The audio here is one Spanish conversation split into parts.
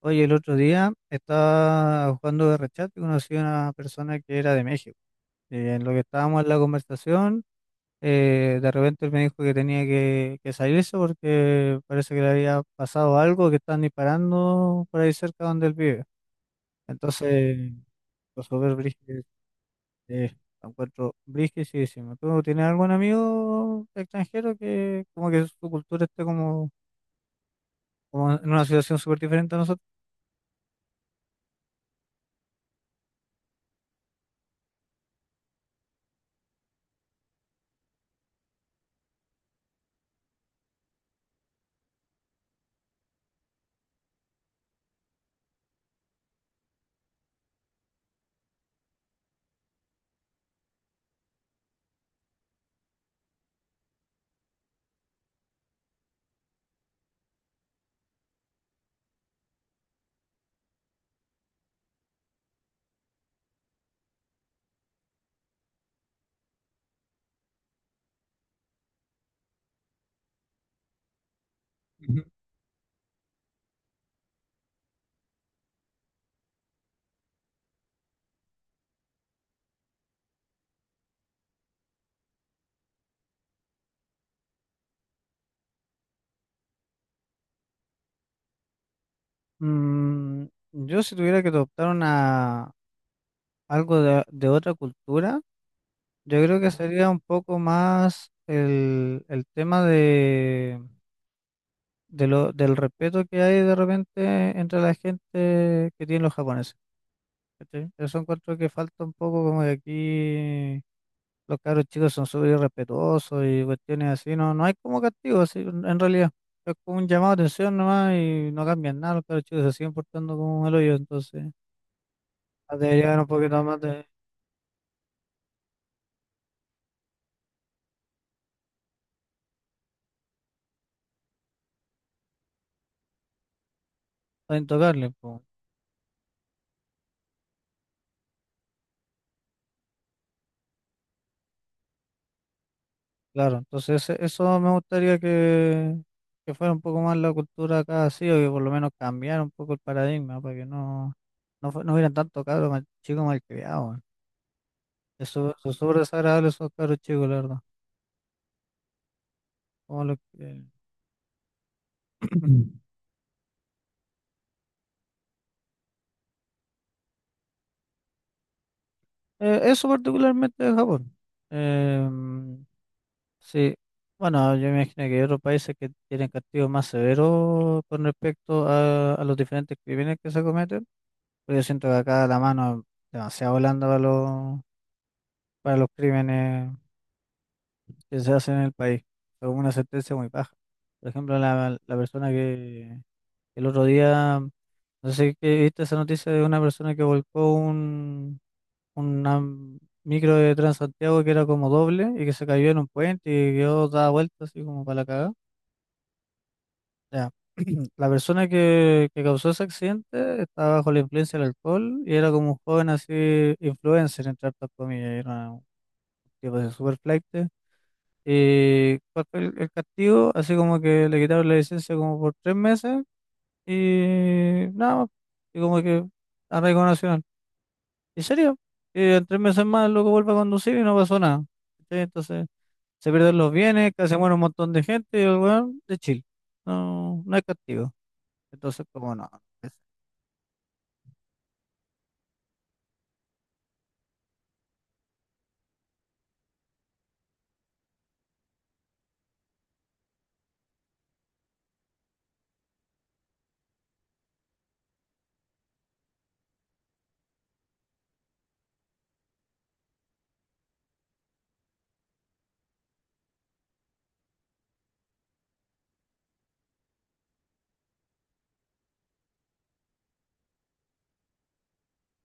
Oye, el otro día estaba jugando de rechat y conocí a una persona que era de México. Y en lo que estábamos en la conversación, de repente él me dijo que tenía que salirse porque parece que le había pasado algo, que están disparando por ahí cerca donde él vive. Entonces, lo súper brígido, eh, lo encuentro brígidísimo. ¿Tú tienes algún amigo extranjero que como que su cultura esté como en una situación súper diferente a nosotros? Mm, yo si tuviera que adoptar una, algo de otra cultura, yo creo que sería un poco más el tema de, del respeto que hay de repente entre la gente que tienen los japoneses. ¿Cachai? Eso encuentro que falta un poco como de aquí, los caros chicos son súper irrespetuosos y cuestiones así. No, no hay como castigo así, en realidad. Es como un llamado de atención nomás y no cambian nada, los caros chicos se siguen portando como el hoyo, entonces... Debería haber un poquito más de, Intocable, pues, claro. Entonces, eso me gustaría que fuera un poco más la cultura acá, así, o que por lo menos cambiara un poco el paradigma, para que no, no hubieran tanto cabros mal, chicos malcriados. Eso es súper desagradable, esos cabros chicos, la verdad. Como los que- eso particularmente de Japón. Em, sí, bueno, yo me imagino que hay otros países que tienen castigos más severos con respecto a los diferentes crímenes que se cometen. Porque yo siento que acá la mano es demasiado blanda para los, crímenes que se hacen en el país. Es una sentencia muy baja. Por ejemplo, la persona que el otro día, no sé si que viste esa noticia de una persona que volcó una micro de Transantiago que era como doble y que se cayó en un puente y quedó dada vuelta así como para la cagada. Ya. La persona que causó ese accidente estaba bajo la influencia del alcohol y era como un joven así, influencer, entre hartas comillas. Era tipo de super flaite. Y ¿cuál fue el castigo? Así como que le quitaron la licencia como por 3 meses y nada más. Y como que arraigo nacional. ¿En serio? Y en 3 meses más el loco vuelve a conducir y no pasó nada. ¿Cachai? Entonces se pierden los bienes, casi muere un montón de gente y el weón de Chile. No, no hay castigo. Entonces, como no. es-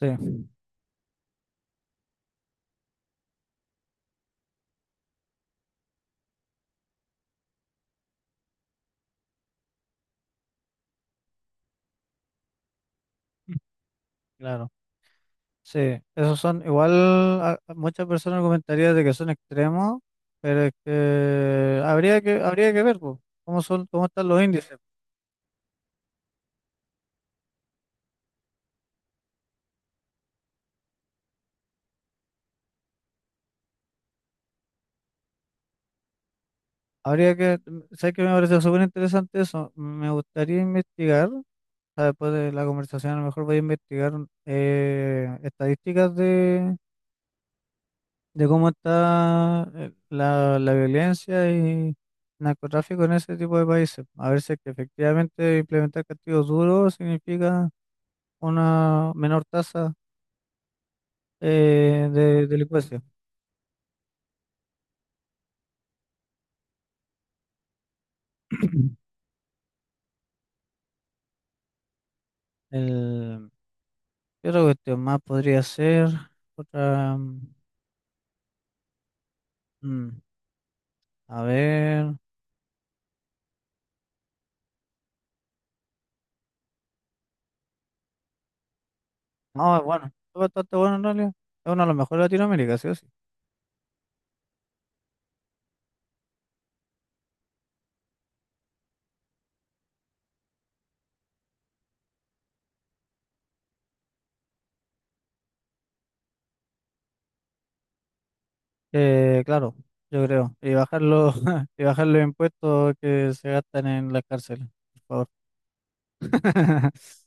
Sí, claro. Sí, esos son, igual a muchas personas comentarían de que son extremos, pero es que habría que ver po, cómo son, cómo están los índices. Habría que, sé que me parece súper interesante eso, me gustaría investigar, o sea, después de la conversación a lo mejor voy a investigar estadísticas de, cómo está la violencia y narcotráfico en ese tipo de países, a ver si es que efectivamente implementar castigos duros significa una menor tasa de delincuencia. El, ¿Qué otra cuestión más podría ser? Otra, mm, a ver. No, es bueno, es bastante bueno en realidad. Es uno de los mejores de Latinoamérica, sí o sí. Claro, yo creo. Y bajar los, y bajar los impuestos que se gastan en las cárceles, por favor.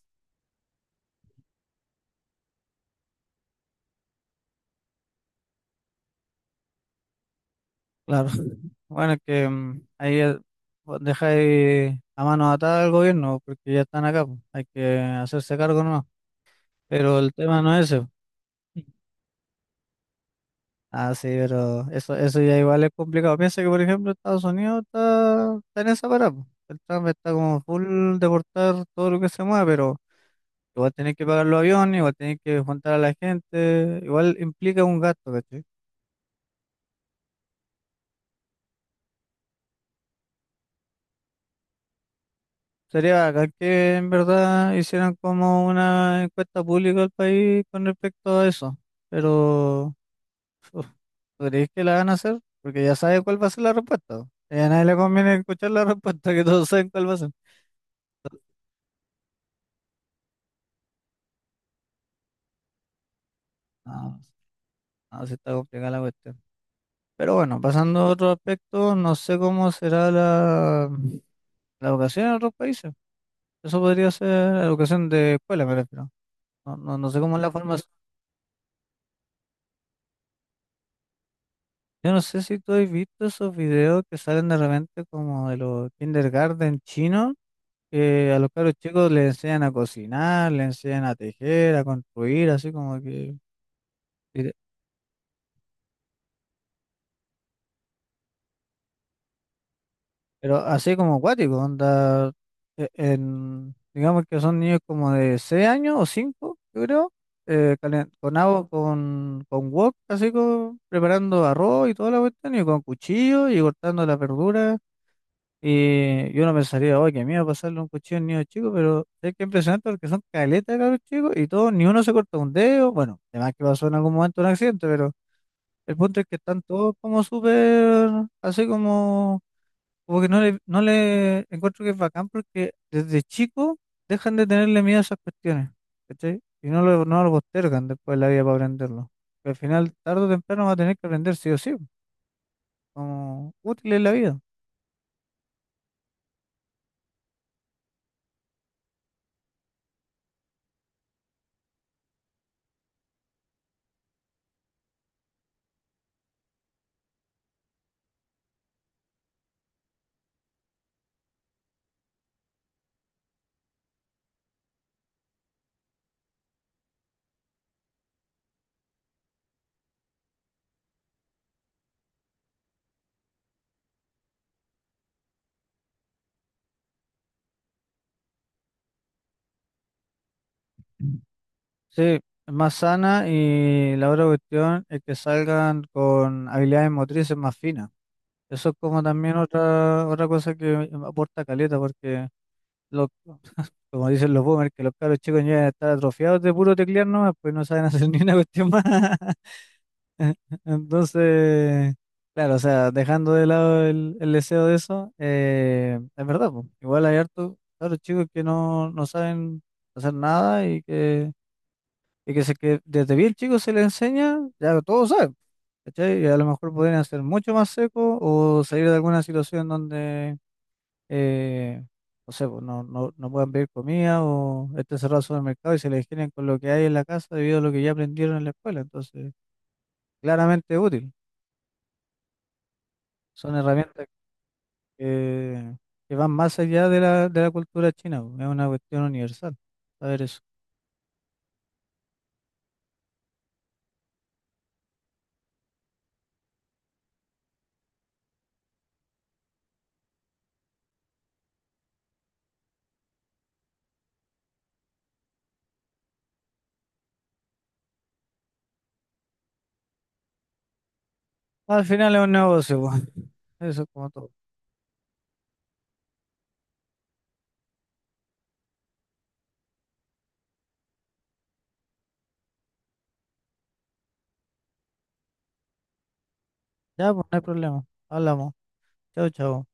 Claro. Bueno, es que ahí vos dejáis a mano atada al gobierno porque ya están acá, pues. Hay que hacerse cargo, no. Pero el tema no es ese. Ah, sí, pero eso ya igual es complicado. Piensa que, por ejemplo, Estados Unidos está en esa parada, po. El Trump está como full deportar todo lo que se mueva, pero igual tenés que pagar los aviones, igual tenés que juntar a la gente, igual implica un gasto, ¿cachai? Sería bacán que en verdad hicieran como una encuesta pública al país con respecto a eso, pero uf, ¿tú crees que la van a hacer? Porque ya sabe cuál va a ser la respuesta. Y a nadie le conviene escuchar la respuesta, que todos saben cuál va a ser. No, no, sí está complicada la cuestión. Pero bueno, pasando a otro aspecto, no sé cómo será la educación en otros países. Eso podría ser educación de escuela, me refiero. No, sé cómo es la formación. Yo no sé si tú has visto esos videos que salen de repente como de los kindergarten chinos, que a los caros chicos les enseñan a cocinar, les enseñan a tejer, a construir, así como que. Y de- Pero así como acuático, onda, digamos que son niños como de 6 años o 5, yo creo, con agua, con wok, así como preparando arroz y toda la cuestión, y con cuchillo y cortando las verduras. Y yo no pensaría, oh, qué miedo pasarle un cuchillo a un niño chico, pero es que es impresionante porque son caletas de cabros chicos y todos, ni uno se corta un dedo. Bueno, además que pasó en algún momento un accidente, pero el punto es que están todos como súper, así como. Como que no le encuentro que es bacán porque desde chico dejan de tenerle miedo a esas cuestiones, ¿cachai? Y no lo postergan después de la vida para aprenderlo. Que al final, tarde o temprano, va a tener que aprender sí o sí, como útil en la vida. Sí, es más sana y la otra cuestión es que salgan con habilidades motrices más finas. Eso es como también otra, otra cosa que aporta caleta. Porque los Como dicen los boomers, que los caros chicos ya están atrofiados de puro teclear nomás, pues no saben hacer ni una cuestión más. Entonces, claro, o sea, dejando de lado el deseo de eso, es verdad, po, igual hay hartos caros chicos que no saben hacer nada, que desde bien chicos se les enseña, ya todos saben, ¿cachai? Y a lo mejor pueden hacer mucho más seco o salir de alguna situación donde eh, no sé, pues, no puedan pedir comida o esté cerrado el supermercado y se les generen con lo que hay en la casa debido a lo que ya aprendieron en la escuela. Entonces, claramente es útil. Son herramientas que, que van más allá de de la cultura china, pues. Es una cuestión universal. Saber eso. Al final es un negocio, pues, Eso es como todo. Ya, pues no hay problema. Hablamos. Chao, chao.